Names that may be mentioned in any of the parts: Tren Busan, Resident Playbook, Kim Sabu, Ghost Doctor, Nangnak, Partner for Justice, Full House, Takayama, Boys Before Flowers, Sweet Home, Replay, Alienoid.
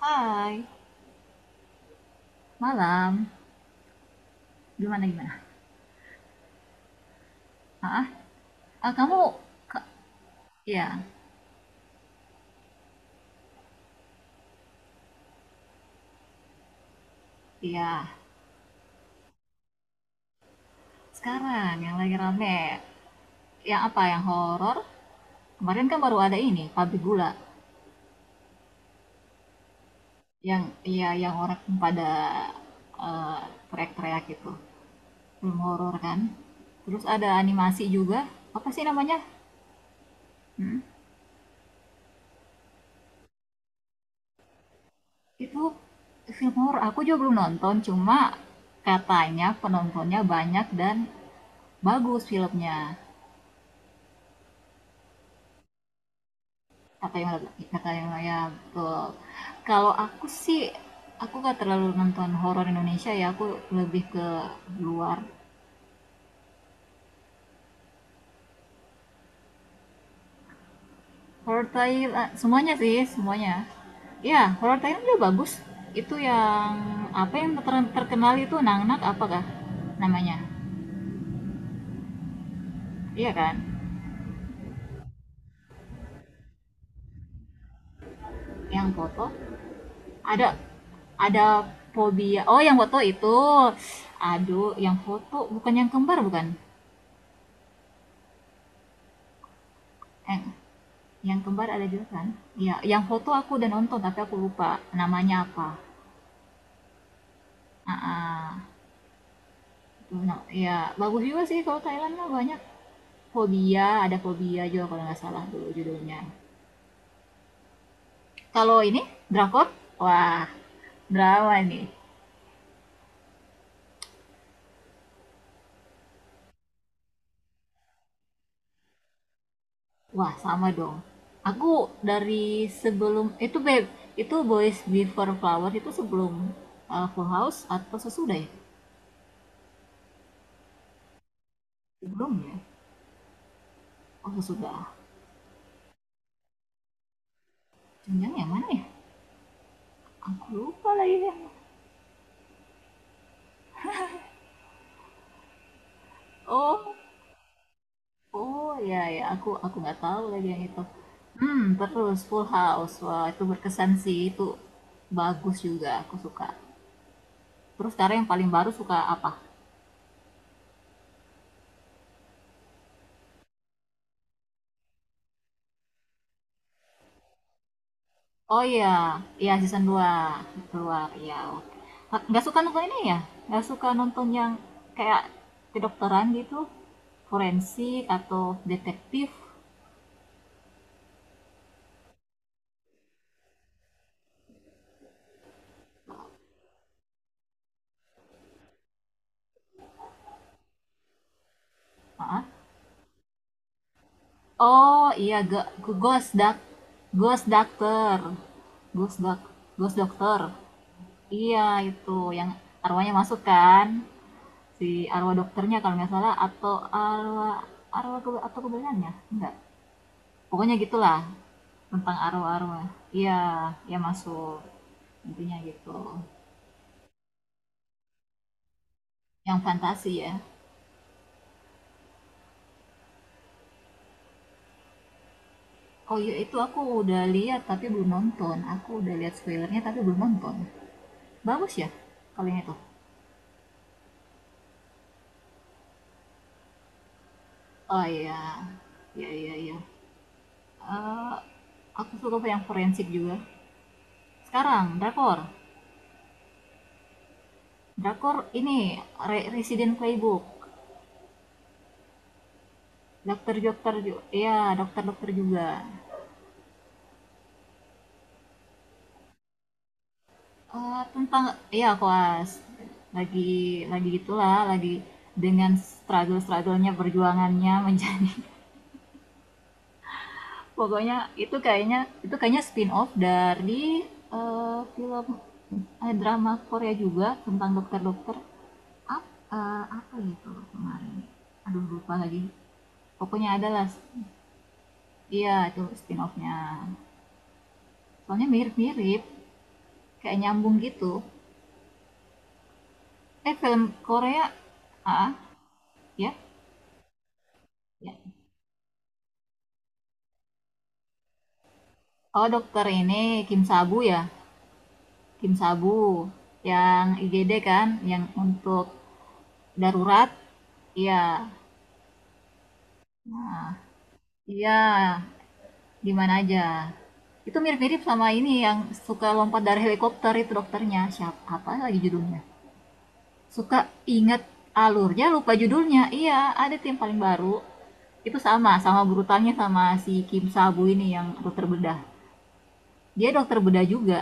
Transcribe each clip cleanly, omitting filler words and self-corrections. Hai, malam. Gimana gimana? Ah, ah, kamu ke, ya, iya. Sekarang yang lagi rame, yang apa? Yang horor? Kemarin kan baru ada ini, pabrik gula. Yang iya, yang orang pada eh, teriak-teriak gitu. Film horor kan. Terus ada animasi juga. Apa sih namanya? Hmm, Itu film horor. Aku juga belum nonton, cuma katanya penontonnya banyak dan bagus filmnya. Takayama Takayamaya, betul. Kalau aku sih, aku gak terlalu nonton horor Indonesia ya, aku lebih ke luar. Horor Thailand, semuanya sih, semuanya. Ya, horor Thailand juga bagus. Itu yang, apa yang terkenal itu Nangnak apakah namanya? Iya kan? Yang foto. Ada, ada fobia. Oh, yang foto itu. Aduh, yang foto bukan yang kembar bukan? Eh, Yang kembar ada juga kan? Ya, yang foto aku udah nonton tapi aku lupa namanya apa. Heeh. Itu, ya bagus juga sih kalau Thailand mah banyak. Fobia, ada fobia juga kalau nggak salah dulu judulnya. Kalau ini drakor, wah drama nih. Wah, sama dong. Aku dari sebelum itu babe, itu Boys Before Flowers itu sebelum Full House atau sesudah ya? Sebelum ya? Oh sesudah. Jangan yang mana ya? Aku lupa lagi ya. Oh. Oh, ya ya, aku nggak tahu lagi yang itu. Hmm, terus Full House. Wah, itu berkesan sih. Itu bagus juga, aku suka. Terus sekarang yang paling baru suka apa? Oh iya, iya season 2 keluar. Iya, oke. Nggak suka nonton ini ya? Nggak suka nonton yang kayak kedokteran gitu? Forensik atau detektif? Hah? Oh iya, Ghost Doc Ghost Doctor. Ghost Doc Ghost Doctor. Iya, itu yang arwahnya masuk kan, si arwah dokternya kalau nggak salah, atau arwah arwah kebenarannya? Enggak, pokoknya gitulah, tentang arwah-arwah. Iya, ya masuk, intinya gitu. Yang fantasi ya. Oh iya, itu aku udah lihat tapi belum nonton. Aku udah lihat spoilernya tapi belum nonton. Bagus ya kalau yang itu? Oh iya, iya iya iya. Eh, aku suka yang forensik juga. Sekarang, drakor. Drakor ini Resident Playbook, iya dokter-dokter juga. Tentang iya koas lagi lagi gitulah, lagi dengan struggle-strugglenya, perjuangannya menjadi pokoknya itu kayaknya, itu kayaknya spin off dari film drama Korea juga tentang dokter-dokter Ap- apa gitu kemarin aduh lupa lagi pokoknya adalah iya itu spin offnya soalnya mirip-mirip kayak nyambung gitu film Korea ah ah, ya ya oh dokter ini Kim Sabu ya Kim Sabu, yang IGD kan yang untuk darurat, iya iya di mana aja. Itu mirip-mirip sama ini yang suka lompat dari helikopter itu dokternya siapa, apa lagi judulnya. Suka inget alurnya, lupa judulnya. Iya, ada tim paling baru. Itu sama, sama brutalnya sama si Kim Sabu ini yang dokter bedah. Dia dokter bedah juga.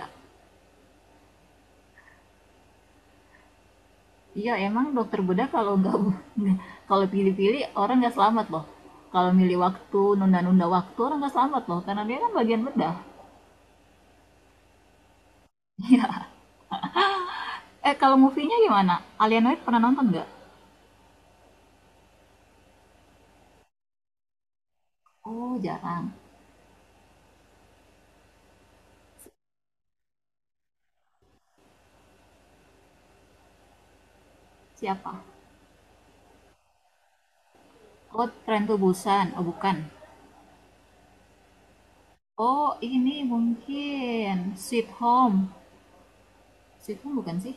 Iya, emang dokter bedah kalau nggak kalau pilih-pilih orang nggak selamat loh. Kalau milih waktu, nunda-nunda waktu orang nggak selamat loh, karena dia kan bagian bedah. Iya. Eh, kalau movie-nya gimana? Alienoid pernah nonton nggak? Oh, jarang. Siapa? Oh, Tren Busan. Oh, bukan. Oh, ini mungkin Sweet Home. Sitcom bukan sih?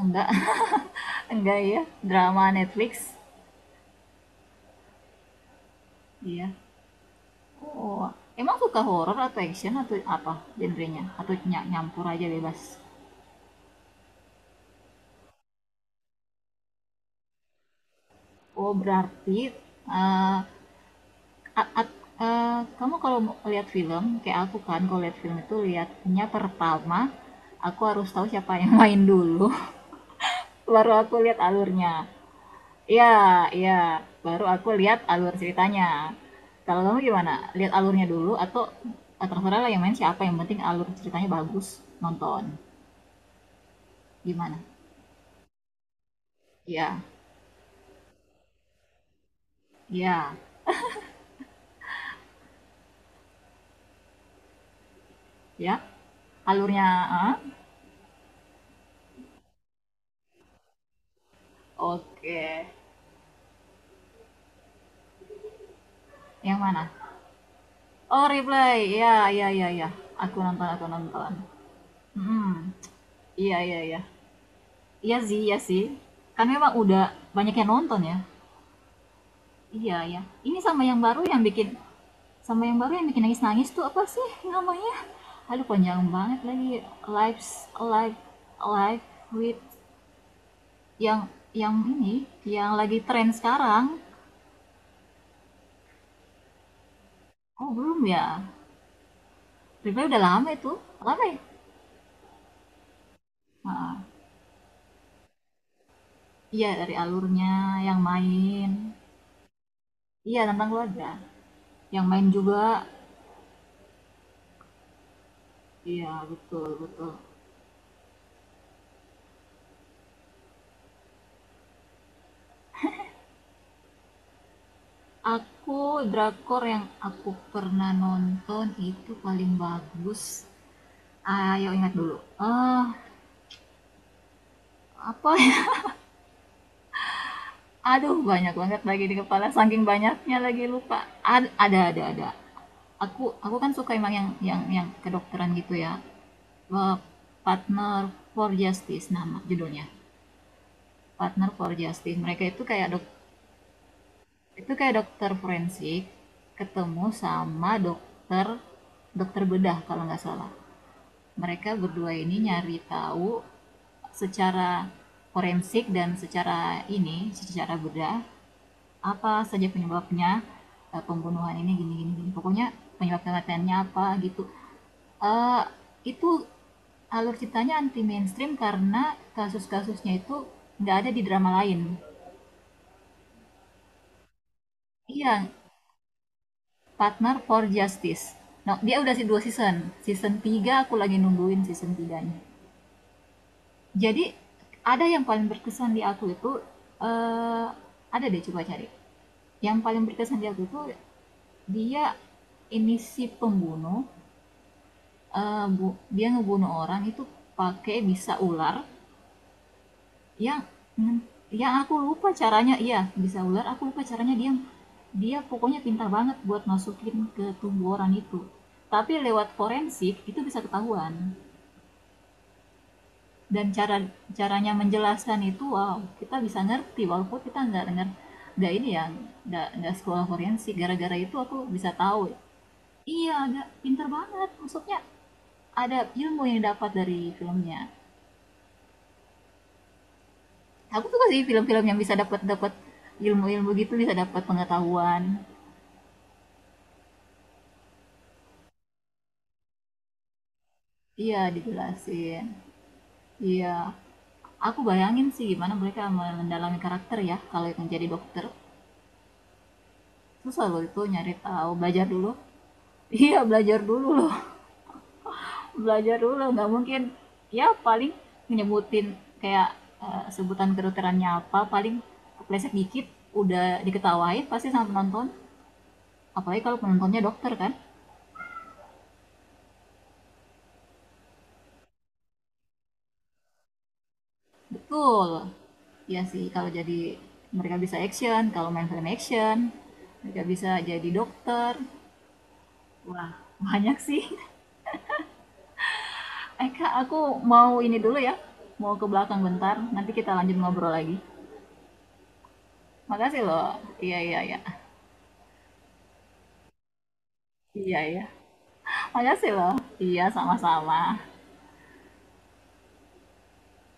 Enggak. Enggak ya. Drama Netflix. Iya. Oh, emang suka horror atau action atau apa genrenya? Atau nyampur aja bebas? Oh, berarti eh, kamu kalau lihat film, kayak aku kan kalau lihat film itu lihatnya pertama aku harus tahu siapa yang main dulu. Baru aku lihat alurnya. Iya iya, baru aku lihat alur ceritanya. Kalau kamu gimana? Lihat alurnya dulu atau terserah lah yang main siapa, yang penting alur ceritanya bagus, nonton. Gimana? Iya, iya, ya. Alurnya, ah? Oke. Yang mana? Oh, Replay. Iya, iya, iya, iya. Aku nonton, aku nonton. Hmm. Iya, iya, iya. Iya sih, iya sih. Kan memang udah banyak yang nonton ya. Iya ya. Ini sama yang baru yang bikin, sama yang baru yang bikin nangis-nangis tuh apa sih namanya? Aduh panjang banget lagi. Lives live live with, yang ini yang lagi tren sekarang. Oh belum ya. Review udah lama itu. Lama ya? Nah, iya dari alurnya, yang main. Iya tentang keluarga. Yang main juga. Iya betul betul. Aku, drakor yang aku pernah nonton itu paling bagus, ayo ingat dulu. Apa ya? Aduh, banyak banget lagi di kepala, saking banyaknya lagi lupa. Ada ada. Aku kan suka emang yang kedokteran gitu ya. Eee, Partner for Justice nama judulnya. Partner for Justice. Mereka itu kayak itu kayak dokter forensik ketemu sama dokter, dokter bedah kalau nggak salah. Mereka berdua ini nyari tahu secara forensik dan secara ini, secara bedah, apa saja penyebabnya, pembunuhan ini gini gini gini, pokoknya penyebab kematiannya apa gitu. Eee, itu alur ceritanya anti mainstream karena kasus-kasusnya itu nggak ada di drama lain. Iya, Partner for Justice. Nah, dia udah se 2 season, season 3 aku lagi nungguin season tiganya. Jadi ada yang paling berkesan di aku itu, eee, ada deh coba cari. Yang paling berkesan di aku itu dia, ini si pembunuh, dia ngebunuh orang itu pakai bisa ular yang hmm, yang aku lupa caranya, iya bisa ular aku lupa caranya, dia dia pokoknya pintar banget buat masukin ke tubuh orang itu, tapi lewat forensik itu bisa ketahuan. Dan cara, caranya menjelaskan itu wow, kita bisa ngerti walaupun kita nggak dengar, nggak ini ya, nggak sekolah forensik, gara-gara itu aku bisa tahu. Iya, nggak pintar banget maksudnya. Ada ilmu yang dapat dari filmnya. Aku suka sih film-film yang bisa dapat, dapat ilmu-ilmu gitu, bisa dapat pengetahuan. Iya dijelasin, iya. Aku bayangin sih gimana mereka mendalami karakter ya kalau yang jadi dokter. Susah loh itu nyari tahu, belajar dulu. Iya belajar dulu loh. Belajar dulu nggak mungkin, ya paling menyebutin kayak sebutan kedokterannya apa, paling kepleset dikit udah diketawain pasti sama penonton, apalagi kalau penontonnya dokter kan. Betul. Iya sih, kalau jadi mereka bisa action, kalau main film action, mereka bisa jadi dokter. Wah, banyak sih. Eka, aku mau ini dulu ya. Mau ke belakang bentar, nanti kita lanjut ngobrol lagi. Makasih loh. Iya, iya, iya. Iya, iya. Makasih loh. Iya, sama-sama.